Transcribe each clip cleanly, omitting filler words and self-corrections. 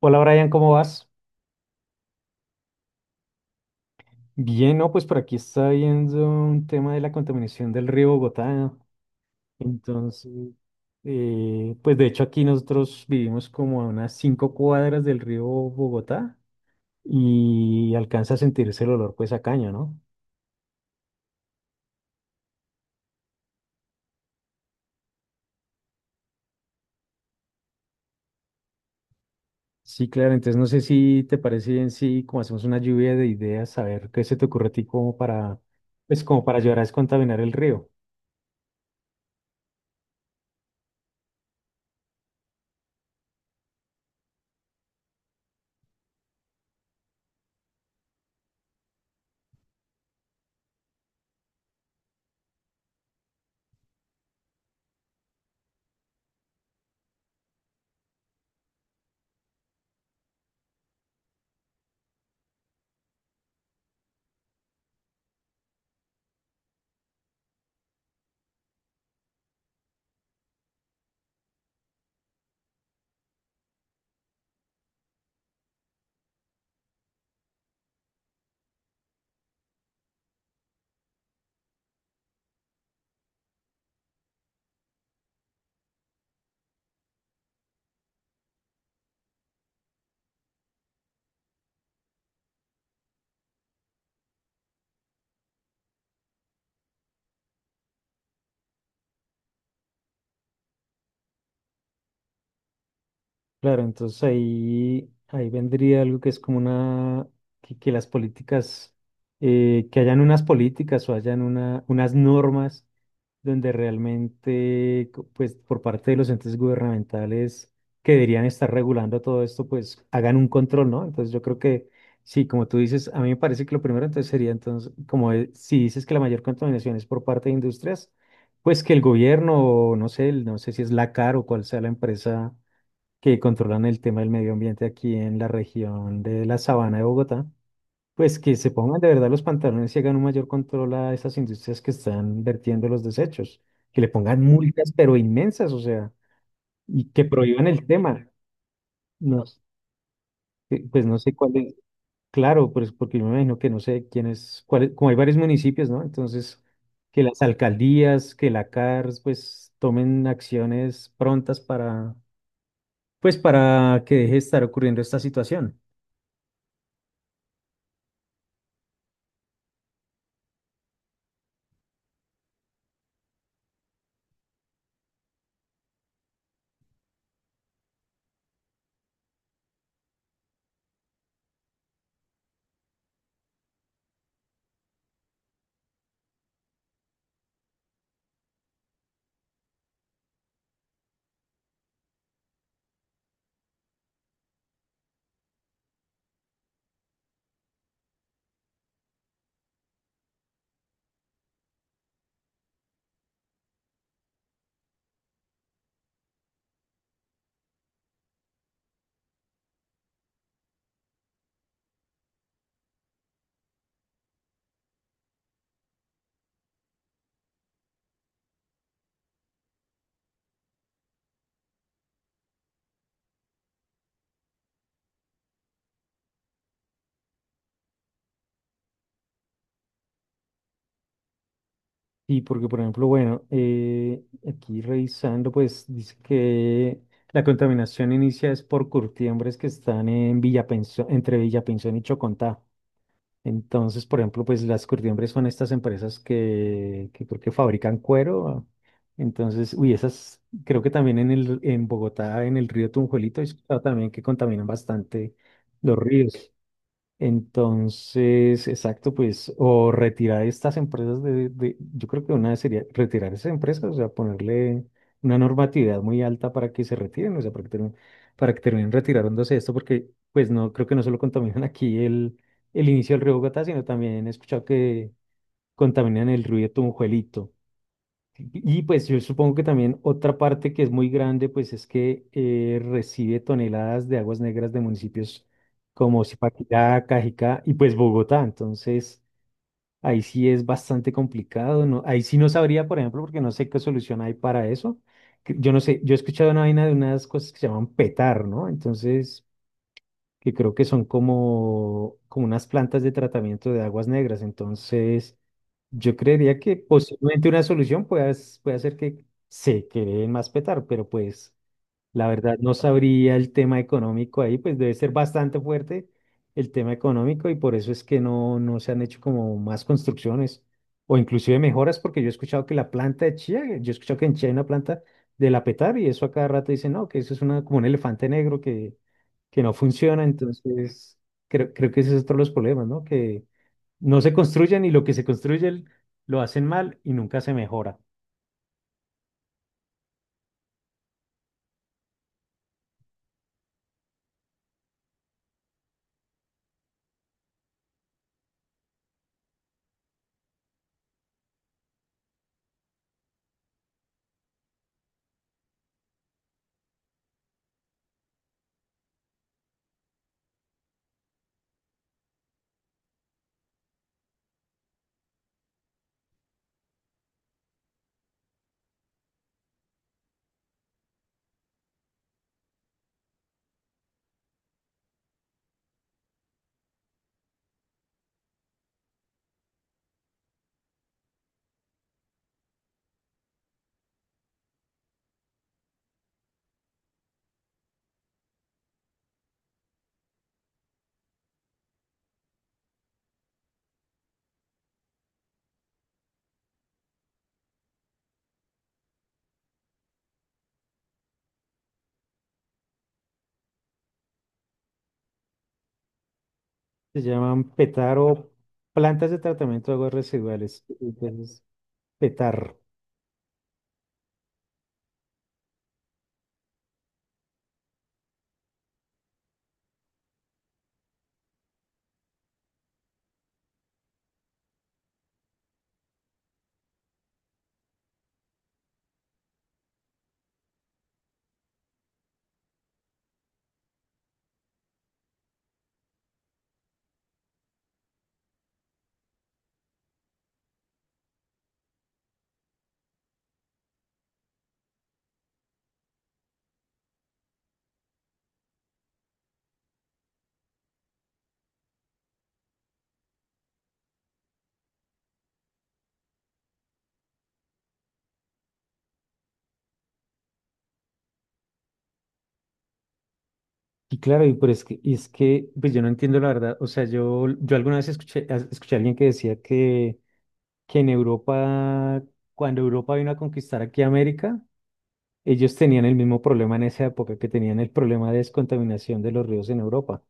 Hola Brian, ¿cómo vas? Bien, no, pues por aquí está viendo un tema de la contaminación del río Bogotá. Entonces, pues de hecho aquí nosotros vivimos como a unas 5 cuadras del río Bogotá y alcanza a sentirse el olor pues a caño, ¿no? Sí, claro, entonces no sé si te parece bien si como hacemos una lluvia de ideas, a ver qué se te ocurre a ti como para, pues como para ayudar a descontaminar el río. Claro, entonces ahí vendría algo que es como una, que las políticas, que hayan unas políticas o hayan unas normas donde realmente, pues por parte de los entes gubernamentales que deberían estar regulando todo esto, pues hagan un control, ¿no? Entonces yo creo que, sí, como tú dices, a mí me parece que lo primero entonces sería, entonces, como si dices que la mayor contaminación es por parte de industrias, pues que el gobierno, o no sé, no sé si es la CAR o cuál sea la empresa que controlan el tema del medio ambiente aquí en la región de la Sabana de Bogotá, pues que se pongan de verdad los pantalones y hagan un mayor control a esas industrias que están vertiendo los desechos, que le pongan multas pero inmensas, o sea, y que prohíban el tema. No, pues no sé cuál es, claro, pues porque yo me imagino que no sé quién es, como hay varios municipios, ¿no? Entonces, que las alcaldías, que la CARS, pues tomen acciones prontas para, pues para que deje de estar ocurriendo esta situación. Sí, porque por ejemplo, bueno, aquí revisando, pues dice que la contaminación inicia es por curtiembres que están en entre Villapensión y Chocontá. Entonces, por ejemplo, pues las curtiembres son estas empresas que creo que fabrican cuero. Entonces, uy, esas creo que también en Bogotá, en el río Tunjuelito, he escuchado también que contaminan bastante los ríos. Entonces, exacto, pues, o retirar estas empresas yo creo que una sería retirar esas empresas, o sea, ponerle una normatividad muy alta para que se retiren, o sea, para que terminen retirándose esto, porque pues no, creo que no solo contaminan aquí el inicio del río Bogotá, sino también he escuchado que contaminan el río Tunjuelito. Y pues yo supongo que también otra parte que es muy grande, pues es que recibe toneladas de aguas negras de municipios como Zipaquirá, Cajicá y pues Bogotá. Entonces, ahí sí es bastante complicado, ¿no? Ahí sí no sabría, por ejemplo, porque no sé qué solución hay para eso. Yo no sé, yo he escuchado una vaina de unas cosas que se llaman petar, ¿no? Entonces, que creo que son como unas plantas de tratamiento de aguas negras. Entonces, yo creería que posiblemente una solución pueda, pueda ser que se creen más petar, pero pues la verdad no sabría el tema económico ahí, pues debe ser bastante fuerte el tema económico y por eso es que no, no se han hecho como más construcciones o inclusive mejoras, porque yo he escuchado que la planta de chía, yo he escuchado que en Chía hay una planta de la petar y eso a cada rato dicen, no, que eso es una, como un elefante negro que no funciona, entonces creo que ese es otro de los problemas, ¿no? Que no se construyen y lo que se construye lo hacen mal y nunca se mejora. Se llaman petar o plantas de tratamiento de aguas residuales. Entonces, petar. Y claro, y, pero es que, y es que pues yo no entiendo la verdad. O sea, yo alguna vez escuché, escuché a alguien que decía que en Europa, cuando Europa vino a conquistar aquí América, ellos tenían el mismo problema en esa época que tenían el problema de descontaminación de los ríos en Europa,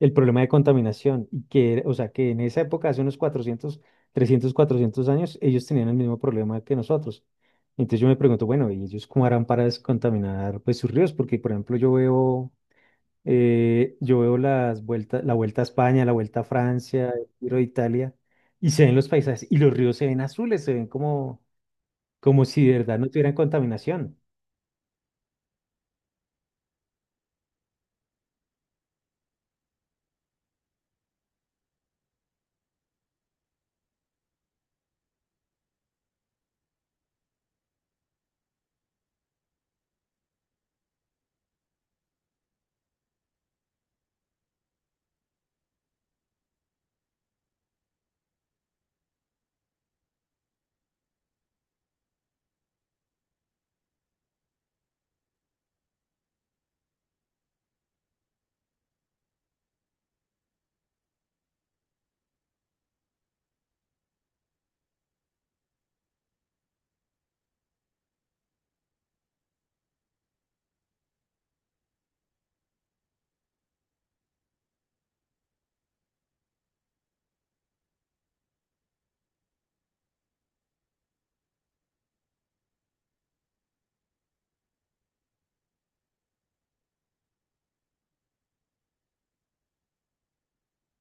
el problema de contaminación, y que, o sea, que en esa época, hace unos 400, 300, 400 años, ellos tenían el mismo problema que nosotros. Entonces yo me pregunto, bueno, ¿y ellos cómo harán para descontaminar pues, sus ríos? Porque, por ejemplo, yo veo las vueltas, la Vuelta a España, la Vuelta a Francia, el Giro de Italia, y se ven los paisajes, y los ríos se ven azules, se ven como si de verdad no tuvieran contaminación.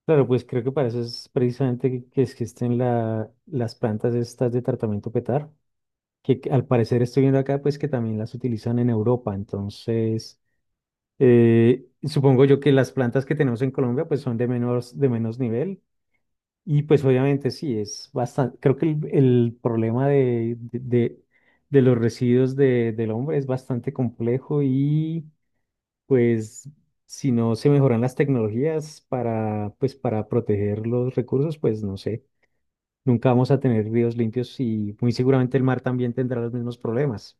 Claro, pues creo que para eso es precisamente que existen las plantas estas de tratamiento PETAR, que al parecer estoy viendo acá, pues que también las utilizan en Europa. Entonces, supongo yo que las plantas que tenemos en Colombia, pues son de menos nivel. Y pues obviamente sí, es bastante, creo que el problema de los residuos del hombre es bastante complejo y pues si no se mejoran las tecnologías para, pues, para proteger los recursos, pues no sé, nunca vamos a tener ríos limpios y muy seguramente el mar también tendrá los mismos problemas.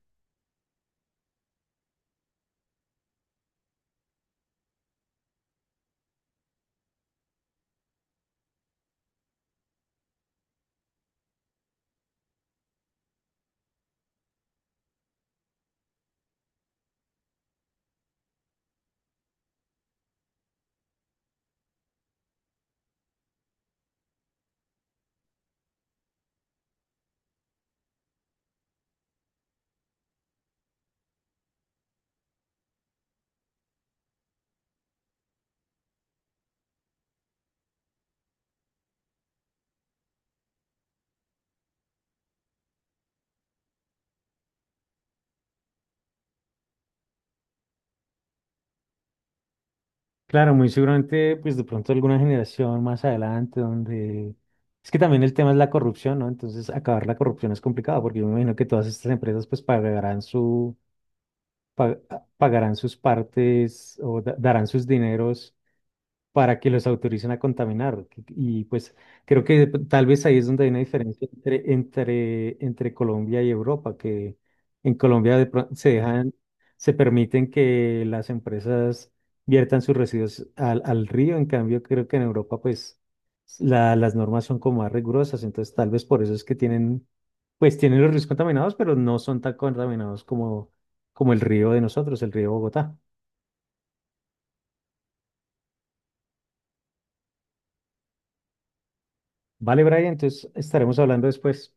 Claro, muy seguramente, pues de pronto alguna generación más adelante, donde es que también el tema es la corrupción, ¿no? Entonces, acabar la corrupción es complicado, porque yo me imagino que todas estas empresas, pues, pagarán su, pa- pagarán sus partes o darán sus dineros para que los autoricen a contaminar. Y pues creo que tal vez ahí es donde hay una diferencia entre Colombia y Europa, que en Colombia se dejan, se permiten que las empresas viertan sus residuos al río, en cambio creo que en Europa pues las normas son como más rigurosas, entonces tal vez por eso es que tienen, pues tienen los ríos contaminados, pero no son tan contaminados como, como el río de nosotros, el río Bogotá. Vale, Brian, entonces estaremos hablando después.